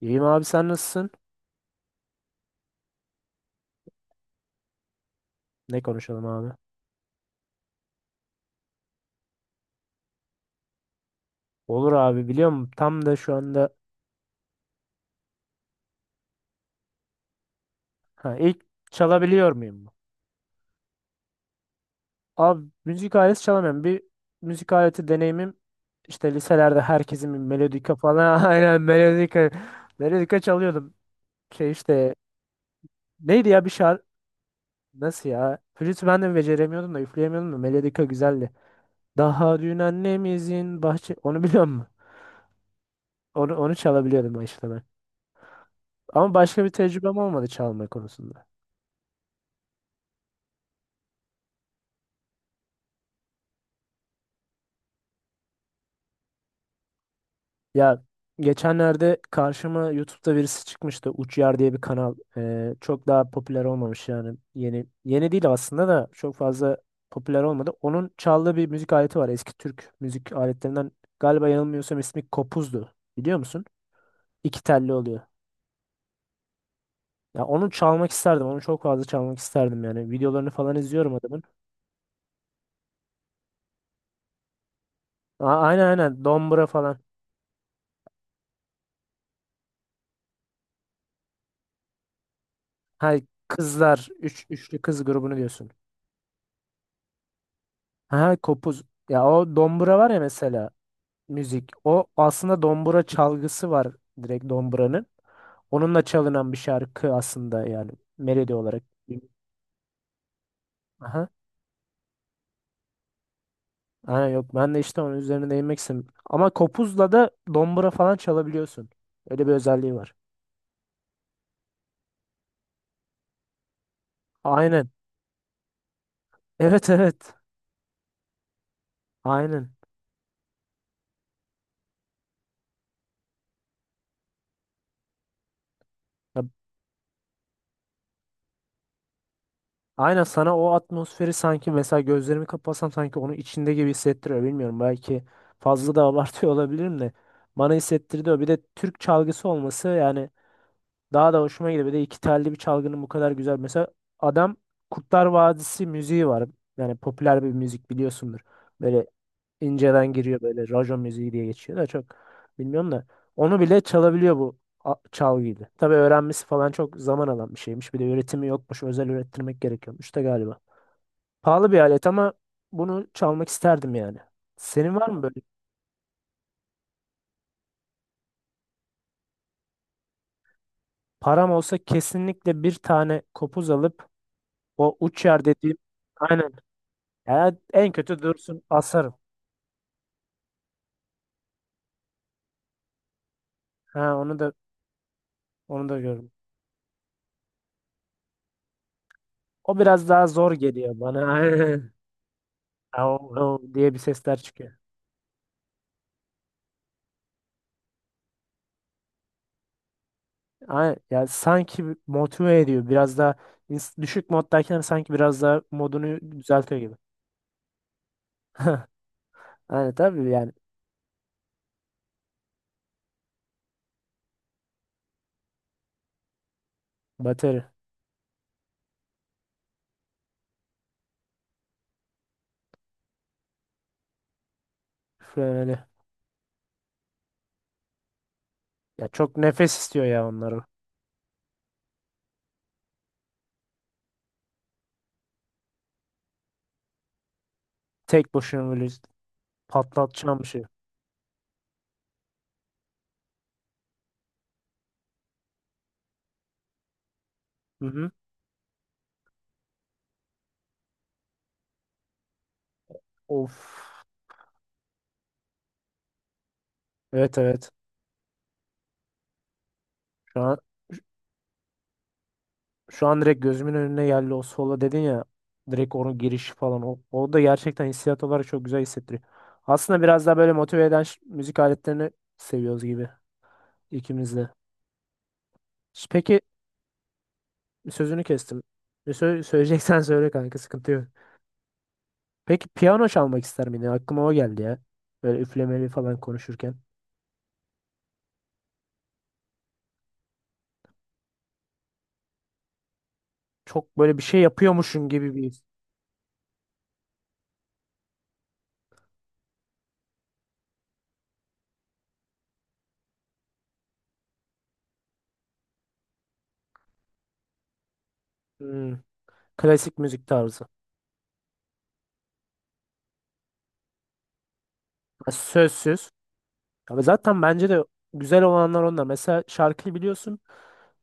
İyiyim abi sen nasılsın? Ne konuşalım abi? Olur abi biliyor musun? Tam da şu anda ha, ilk çalabiliyor muyum? Abi müzik aleti çalamıyorum. Bir müzik aleti deneyimim işte liselerde herkesin bir melodika falan aynen melodika çalıyordum. Şey işte neydi ya bir şarkı nasıl ya? Flütü ben de beceremiyordum da üfleyemiyordum da melodika güzeldi. Daha dün annemizin bahçe onu biliyor musun? Onu çalabiliyordum işte ben. Ama başka bir tecrübem olmadı çalma konusunda. Ya geçenlerde karşıma YouTube'da birisi çıkmıştı. Uçyar diye bir kanal. Çok daha popüler olmamış yani. Yeni yeni değil aslında da çok fazla popüler olmadı. Onun çaldığı bir müzik aleti var. Eski Türk müzik aletlerinden galiba yanılmıyorsam ismi kopuzdu. Biliyor musun? İki telli oluyor. Ya onu çalmak isterdim. Onu çok fazla çalmak isterdim yani. Videolarını falan izliyorum adamın. Aynen aynen. Dombra falan. Hay kızlar. Üçlü kız grubunu diyorsun. Ha kopuz. Ya o dombra var ya mesela. Müzik. O aslında dombura çalgısı var direkt domburanın. Onunla çalınan bir şarkı aslında yani melodi olarak. Aha. Aynen yok ben de işte onun üzerine değinmek istedim. Ama kopuzla da dombura falan çalabiliyorsun. Öyle bir özelliği var. Aynen. Evet evet. Aynen. Ya, aynen sana o atmosferi sanki mesela gözlerimi kapatsam sanki onun içinde gibi hissettiriyor. Bilmiyorum belki fazla da abartıyor olabilirim de. Bana hissettirdi o. Bir de Türk çalgısı olması yani daha da hoşuma gidiyor. Bir de iki telli bir çalgının bu kadar güzel. Mesela adam Kurtlar Vadisi müziği var. Yani popüler bir müzik biliyorsundur. Böyle inceden giriyor böyle rajon müziği diye geçiyor da çok bilmiyorum da. Onu bile çalabiliyor bu çalgıyla. Tabii öğrenmesi falan çok zaman alan bir şeymiş. Bir de üretimi yokmuş. Özel ürettirmek gerekiyormuş da galiba. Pahalı bir alet ama bunu çalmak isterdim yani. Senin var mı böyle? Param olsa kesinlikle bir tane kopuz alıp o uç yer dediğim aynen. Yani en kötü dursun asarım. Ha onu da gördüm. O biraz daha zor geliyor bana. Aynen. Av, av diye bir sesler çıkıyor. Aynen. Yani sanki motive ediyor. Biraz daha düşük moddayken sanki biraz daha modunu düzeltiyor gibi. Aynen tabii yani batarya. Şöyle öyle. Ya çok nefes istiyor ya onları. Tek başına böyle patlatacağım bir şey. Hı hı. Of. Evet evet. Şu an Şu an direkt gözümün önüne geldi o solo dedin ya. Direkt onun girişi falan. O, o da gerçekten hissiyat olarak çok güzel hissettiriyor. Aslında biraz daha böyle motive eden müzik aletlerini seviyoruz gibi ikimiz de. Peki sözünü kestim. Söyleyeceksen söyle kanka sıkıntı yok. Peki piyano çalmak ister miydin? Aklıma o geldi ya. Böyle üflemeli falan konuşurken. Çok böyle bir şey yapıyormuşsun gibi bir his. Hmm, Klasik müzik tarzı. Ha, sözsüz. Ama zaten bence de güzel olanlar onlar. Mesela şarkıyı biliyorsun.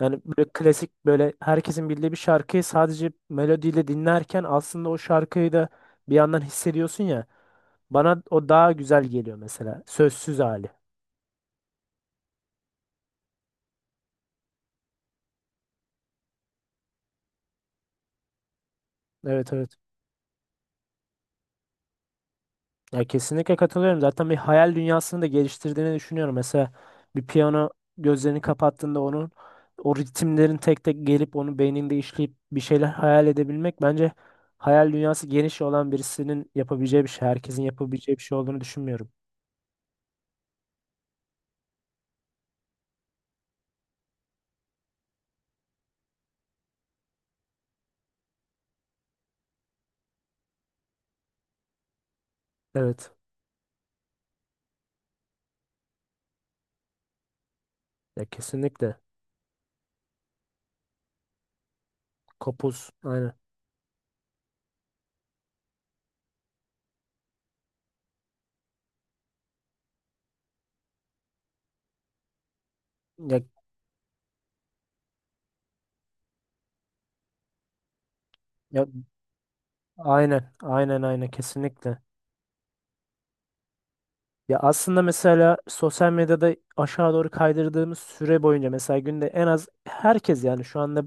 Yani böyle klasik böyle herkesin bildiği bir şarkıyı sadece melodiyle dinlerken aslında o şarkıyı da bir yandan hissediyorsun ya. Bana o daha güzel geliyor mesela. Sözsüz hali. Evet evet. Ya kesinlikle katılıyorum. Zaten bir hayal dünyasını da geliştirdiğini düşünüyorum. Mesela bir piyano gözlerini kapattığında onun o ritimlerin tek tek gelip onu beyninde işleyip bir şeyler hayal edebilmek bence hayal dünyası geniş olan birisinin yapabileceği bir şey. Herkesin yapabileceği bir şey olduğunu düşünmüyorum. Evet. Ya kesinlikle. Kopuz. Aynen. Ya, ya, aynen. Aynen aynen kesinlikle. Ya aslında mesela sosyal medyada aşağı doğru kaydırdığımız süre boyunca mesela günde en az herkes yani şu anda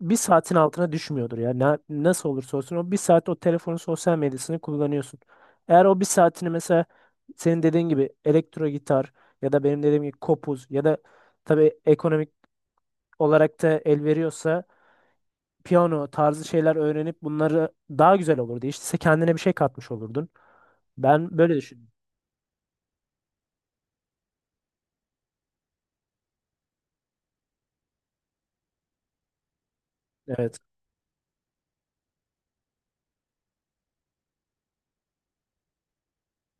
bir saatin altına düşmüyordur ya. Nasıl olursa olsun o bir saat o telefonun sosyal medyasını kullanıyorsun. Eğer o bir saatini mesela senin dediğin gibi elektro gitar ya da benim dediğim gibi kopuz ya da tabii ekonomik olarak da el veriyorsa piyano tarzı şeyler öğrenip bunları daha güzel olurdu. İşte sen kendine bir şey katmış olurdun. Ben böyle düşünüyorum. Evet.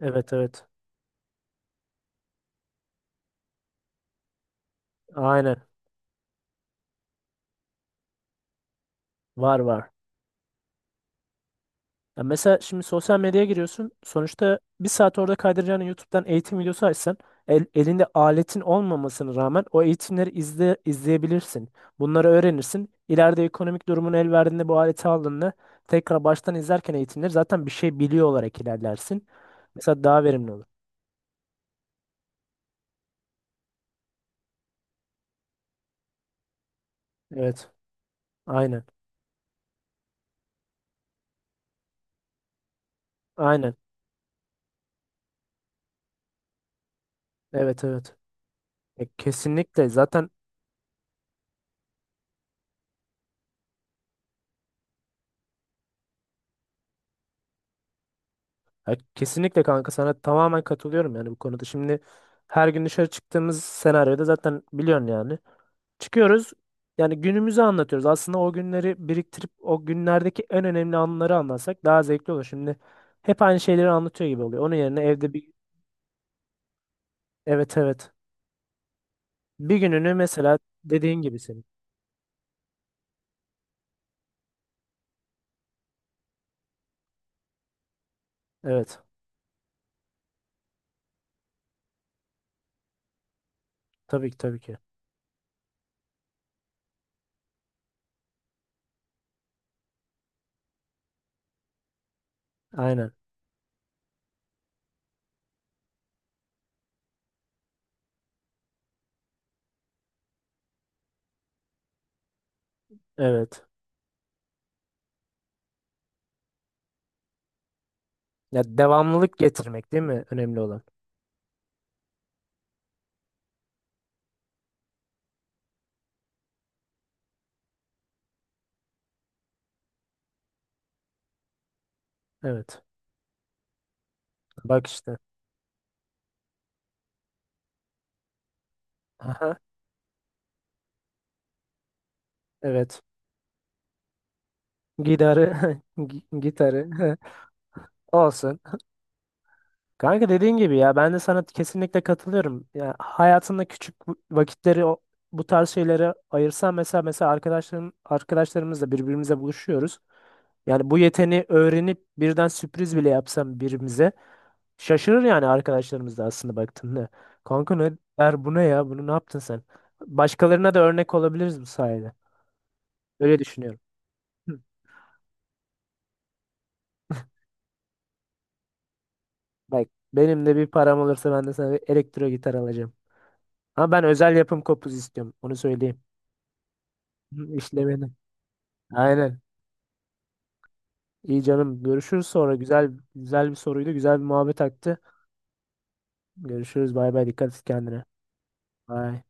Evet evet. Aynen. Var var. Ya mesela şimdi sosyal medyaya giriyorsun. Sonuçta bir saat orada kaydıracağını YouTube'dan eğitim videosu açsan elinde aletin olmamasına rağmen o eğitimleri izleyebilirsin. Bunları öğrenirsin. İleride ekonomik durumun el verdiğinde bu aleti aldığında tekrar baştan izlerken eğitimleri zaten bir şey biliyor olarak ilerlersin. Mesela daha verimli olur. Evet. Aynen. Aynen. Evet evet. Kesinlikle zaten kesinlikle kanka sana tamamen katılıyorum yani bu konuda. Şimdi her gün dışarı çıktığımız senaryoda zaten biliyorsun yani. Çıkıyoruz yani günümüzü anlatıyoruz. Aslında o günleri biriktirip o günlerdeki en önemli anları anlatsak daha zevkli olur. Şimdi hep aynı şeyleri anlatıyor gibi oluyor. Onun yerine evde bir evet evet. Bir gününü mesela dediğin gibi senin. Evet. Tabii ki tabii ki. Aynen. Evet. Ya devamlılık getirmek değil mi önemli olan? Evet. Bak işte. Evet. Gitarı, gitarı olsun. Kanka dediğin gibi ya ben de sana kesinlikle katılıyorum. Ya hayatında küçük vakitleri bu tarz şeylere ayırsan mesela arkadaşlarımızla birbirimize buluşuyoruz. Yani bu yeteneği öğrenip birden sürpriz bile yapsam birbirimize şaşırır yani arkadaşlarımız da aslında baktığında. Kanka ne der bu ne ya? Bunu ne yaptın sen? Başkalarına da örnek olabiliriz bu sayede. Öyle düşünüyorum. Hı. Bak benim de bir param olursa ben de sana bir elektro gitar alacağım. Ama ben özel yapım kopuz istiyorum. Onu söyleyeyim. Hı, İşlemeli. Aynen. İyi canım. Görüşürüz sonra. Güzel güzel bir soruydu. Güzel bir muhabbet aktı. Görüşürüz. Bay bay. Dikkat et kendine. Bay.